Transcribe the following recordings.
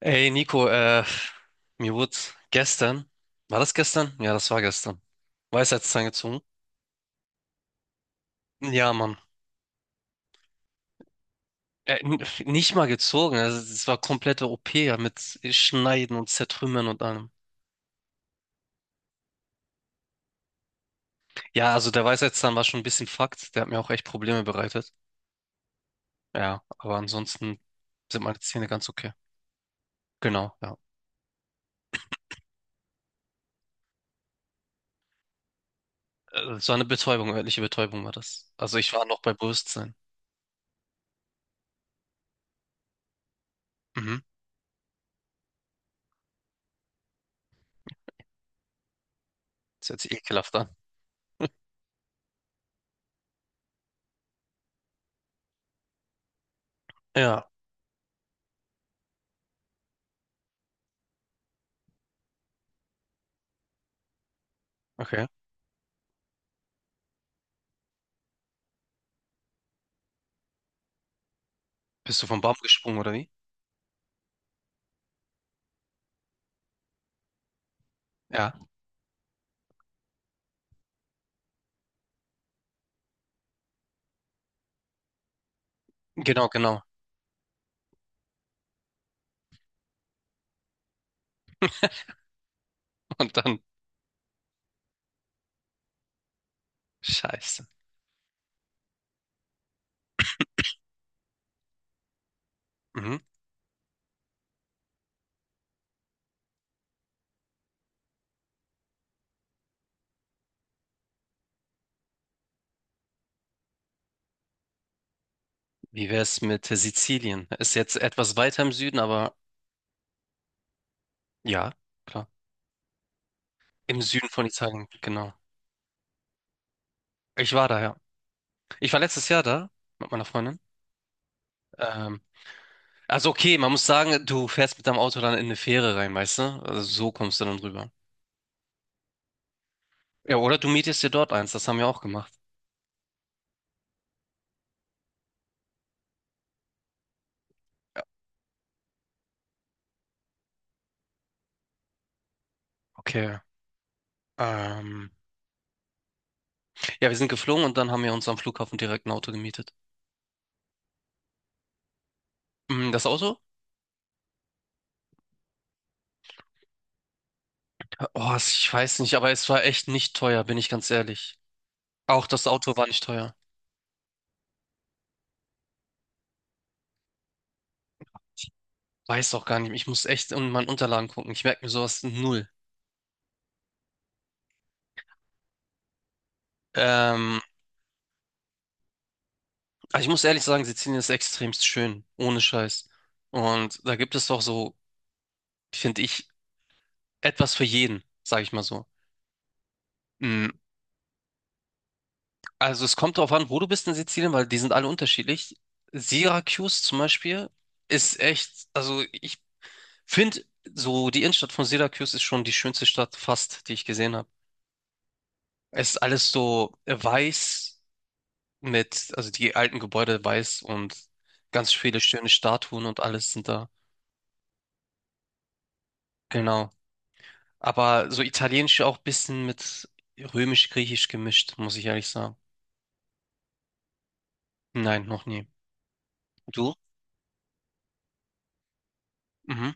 Ey Nico, mir wurde gestern, war das gestern? Ja, das war gestern. Weisheitszahn gezogen? Ja, Mann. Äh, n- Nicht mal gezogen, also es war komplette OP ja, mit Schneiden und Zertrümmern und allem. Ja, also der Weisheitszahn war schon ein bisschen Fakt, der hat mir auch echt Probleme bereitet. Ja, aber ansonsten sind meine Zähne ganz okay. Genau, ja. Es eine Betäubung, örtliche Betäubung war das. Also ich war noch bei Bewusstsein. Mhm. Das hört sich ekelhaft an. Ja, okay. Bist du vom Baum gesprungen oder wie? Ja, genau, genau. Und dann, scheiße. Mhm. Wie wär's mit Sizilien? Ist jetzt etwas weiter im Süden, aber ja, klar. Im Süden von Italien, genau. Ich war da, ja. Ich war letztes Jahr da mit meiner Freundin. Ähm, also okay, man muss sagen, du fährst mit deinem Auto dann in eine Fähre rein, weißt du? Also so kommst du dann rüber. Ja, oder du mietest dir dort eins, das haben wir auch gemacht. Okay. Ähm, ja, wir sind geflogen und dann haben wir uns am Flughafen direkt ein Auto gemietet. Mm, das Auto? Oh, ich weiß nicht, aber es war echt nicht teuer, bin ich ganz ehrlich. Auch das Auto war nicht teuer. Weiß auch gar nicht. Ich muss echt in meinen Unterlagen gucken. Ich merke mir sowas null. Ähm, aber ich muss ehrlich sagen, Sizilien ist extremst schön, ohne Scheiß. Und da gibt es doch so, finde ich, etwas für jeden, sage ich mal so. Mm, also es kommt darauf an, wo du bist in Sizilien, weil die sind alle unterschiedlich. Syracuse zum Beispiel ist echt, also ich finde, so die Innenstadt von Syracuse ist schon die schönste Stadt fast, die ich gesehen habe. Es ist alles so weiß. Mit, also die alten Gebäude weiß und ganz viele schöne Statuen und alles sind da. Genau. Aber so italienisch auch ein bisschen mit römisch-griechisch gemischt, muss ich ehrlich sagen. Nein, noch nie. Du? Mhm.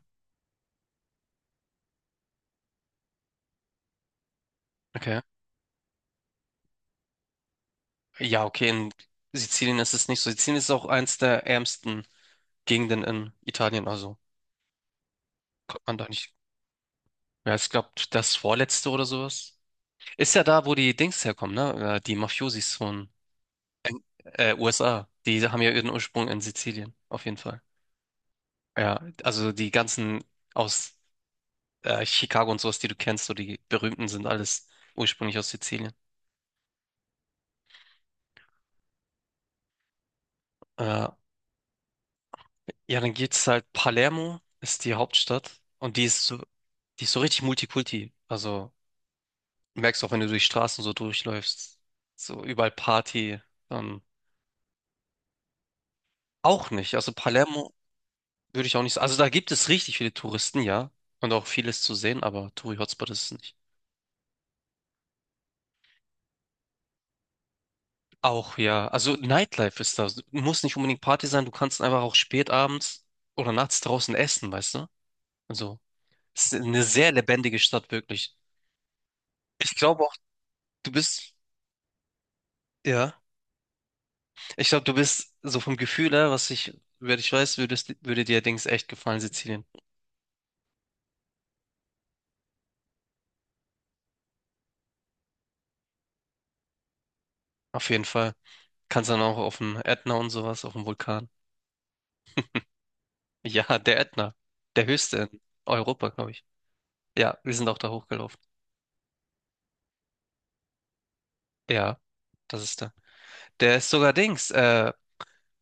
Okay. Ja, okay, in Sizilien ist es nicht so. Sizilien ist auch eins der ärmsten Gegenden in Italien, also kommt man da nicht. Ja, ich glaube, das vorletzte oder sowas. Ist ja da, wo die Dings herkommen, ne? Die Mafiosis von USA. Die haben ja ihren Ursprung in Sizilien, auf jeden Fall. Ja, also die ganzen aus Chicago und sowas, die du kennst, so die berühmten sind alles ursprünglich aus Sizilien. Äh, ja, dann geht's halt, Palermo ist die Hauptstadt und die ist so richtig Multikulti. Also merkst auch, wenn du durch Straßen so durchläufst, so überall Party. Ähm, auch nicht. Also Palermo würde ich auch nicht. Also da gibt es richtig viele Touristen, ja, und auch vieles zu sehen, aber Touri-Hotspot ist es nicht. Auch ja, also Nightlife ist da. Muss nicht unbedingt Party sein, du kannst einfach auch spät abends oder nachts draußen essen, weißt du? Also, es ist eine sehr lebendige Stadt, wirklich. Ich glaube auch, du bist, ja, ich glaube, du bist so vom Gefühl her, was ich, wer ich weiß, würdest, würde dir Dings echt gefallen, Sizilien. Auf jeden Fall. Kannst dann auch auf dem Ätna und sowas, auf dem Vulkan. Ja, der Ätna. Der höchste in Europa, glaube ich. Ja, wir sind auch da hochgelaufen. Ja, das ist da. Der ist sogar Dings.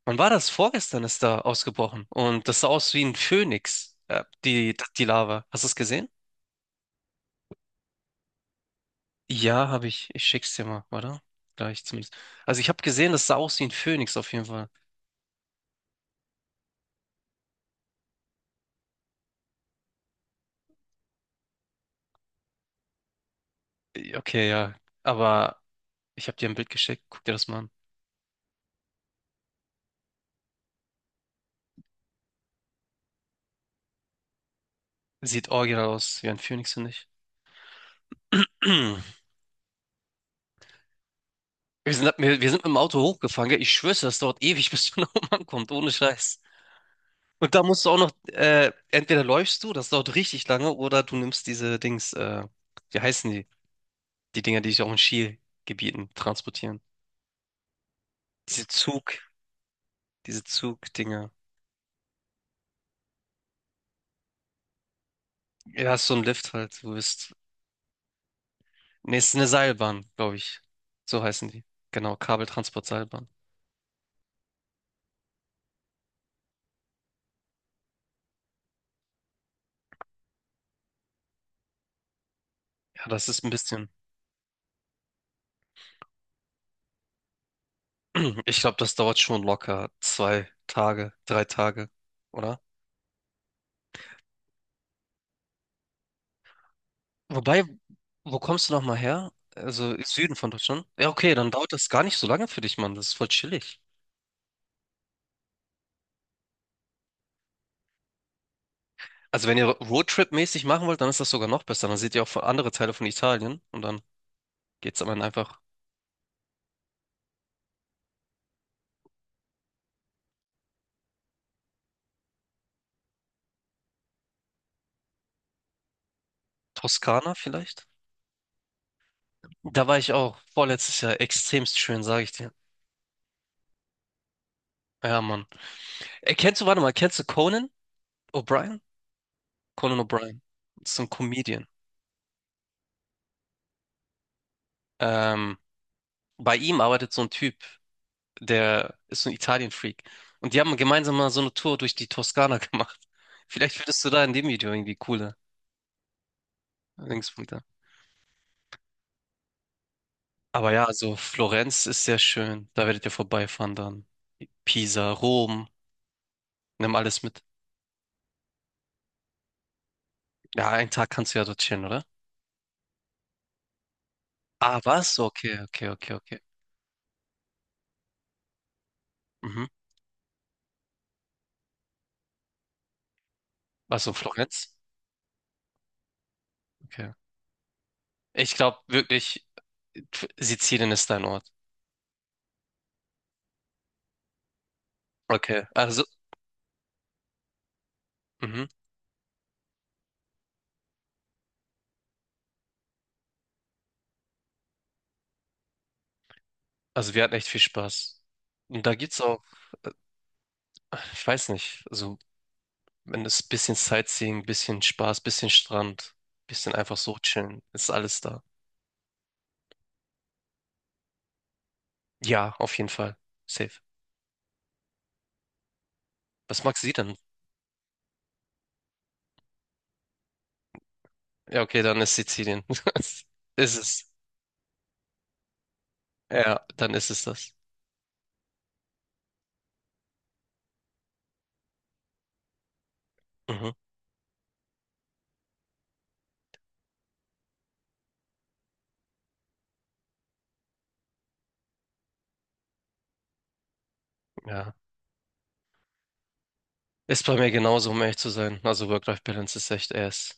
Wann war das? Vorgestern ist da ausgebrochen. Und das sah aus wie ein Phönix, die, die Lava. Hast du es gesehen? Ja, habe ich. Ich schick's dir mal, oder? Gleich zumindest. Also ich habe gesehen, das sah aus wie ein Phönix auf jeden Fall. Okay, ja. Aber ich habe dir ein Bild geschickt. Guck dir das mal an. Sieht original aus wie ein Phönix, finde ich. Wir sind, wir sind mit dem Auto hochgefahren, gell? Ich schwöre, das dauert ewig, bis du nach oben ankommst, ohne Scheiß. Und da musst du auch noch, entweder läufst du, das dauert richtig lange, oder du nimmst diese Dings, wie heißen die? Die Dinger, die sich auch in Skigebieten transportieren. Diese Zug, diese Zugdinger. Ja, ist so ein Lift halt, du bist. Nee, es ist eine Seilbahn, glaube ich. So heißen die. Genau, Kabeltransportseilbahn. Ja, das ist ein bisschen. Ich glaube, das dauert schon locker zwei Tage, drei Tage, oder? Wobei, wo kommst du nochmal her? Also Süden von Deutschland? Ja, okay, dann dauert das gar nicht so lange für dich, Mann. Das ist voll chillig. Also wenn ihr Roadtrip-mäßig machen wollt, dann ist das sogar noch besser. Dann seht ihr auch von- andere Teile von Italien und dann geht's am Ende einfach Toskana vielleicht? Da war ich auch vorletztes Jahr extremst schön, sage ich dir. Ja, Mann. Kennst du, warte mal, kennst du Conan O'Brien? Conan O'Brien ist so ein Comedian. Ähm, bei ihm arbeitet so ein Typ, der ist so ein Italien-Freak. Und die haben gemeinsam mal so eine Tour durch die Toskana gemacht. Vielleicht findest du da in dem Video irgendwie coole Linkspunkte. Aber ja, also Florenz ist sehr schön. Da werdet ihr vorbeifahren dann. Pisa, Rom, nimm alles mit. Ja, einen Tag kannst du ja dort chillen, oder? Ah, was? Okay, okay, okay, okay. Mhm. Also Florenz? Okay. Ich glaube wirklich, Sizilien ist dein Ort. Okay. Also, mhm. Also wir hatten echt viel Spaß. Und da gibt's auch, äh, ich weiß nicht, also wenn es ein bisschen Sightseeing, bisschen Spaß, bisschen Strand, bisschen einfach so chillen, ist alles da. Ja, auf jeden Fall. Safe. Was magst du denn? Ja, okay, dann ist Sizilien. Ist es. Ja, dann ist es das. Mhm. Ja. Ist bei mir genauso, um ehrlich zu sein. Also Work-Life-Balance ist echt ass.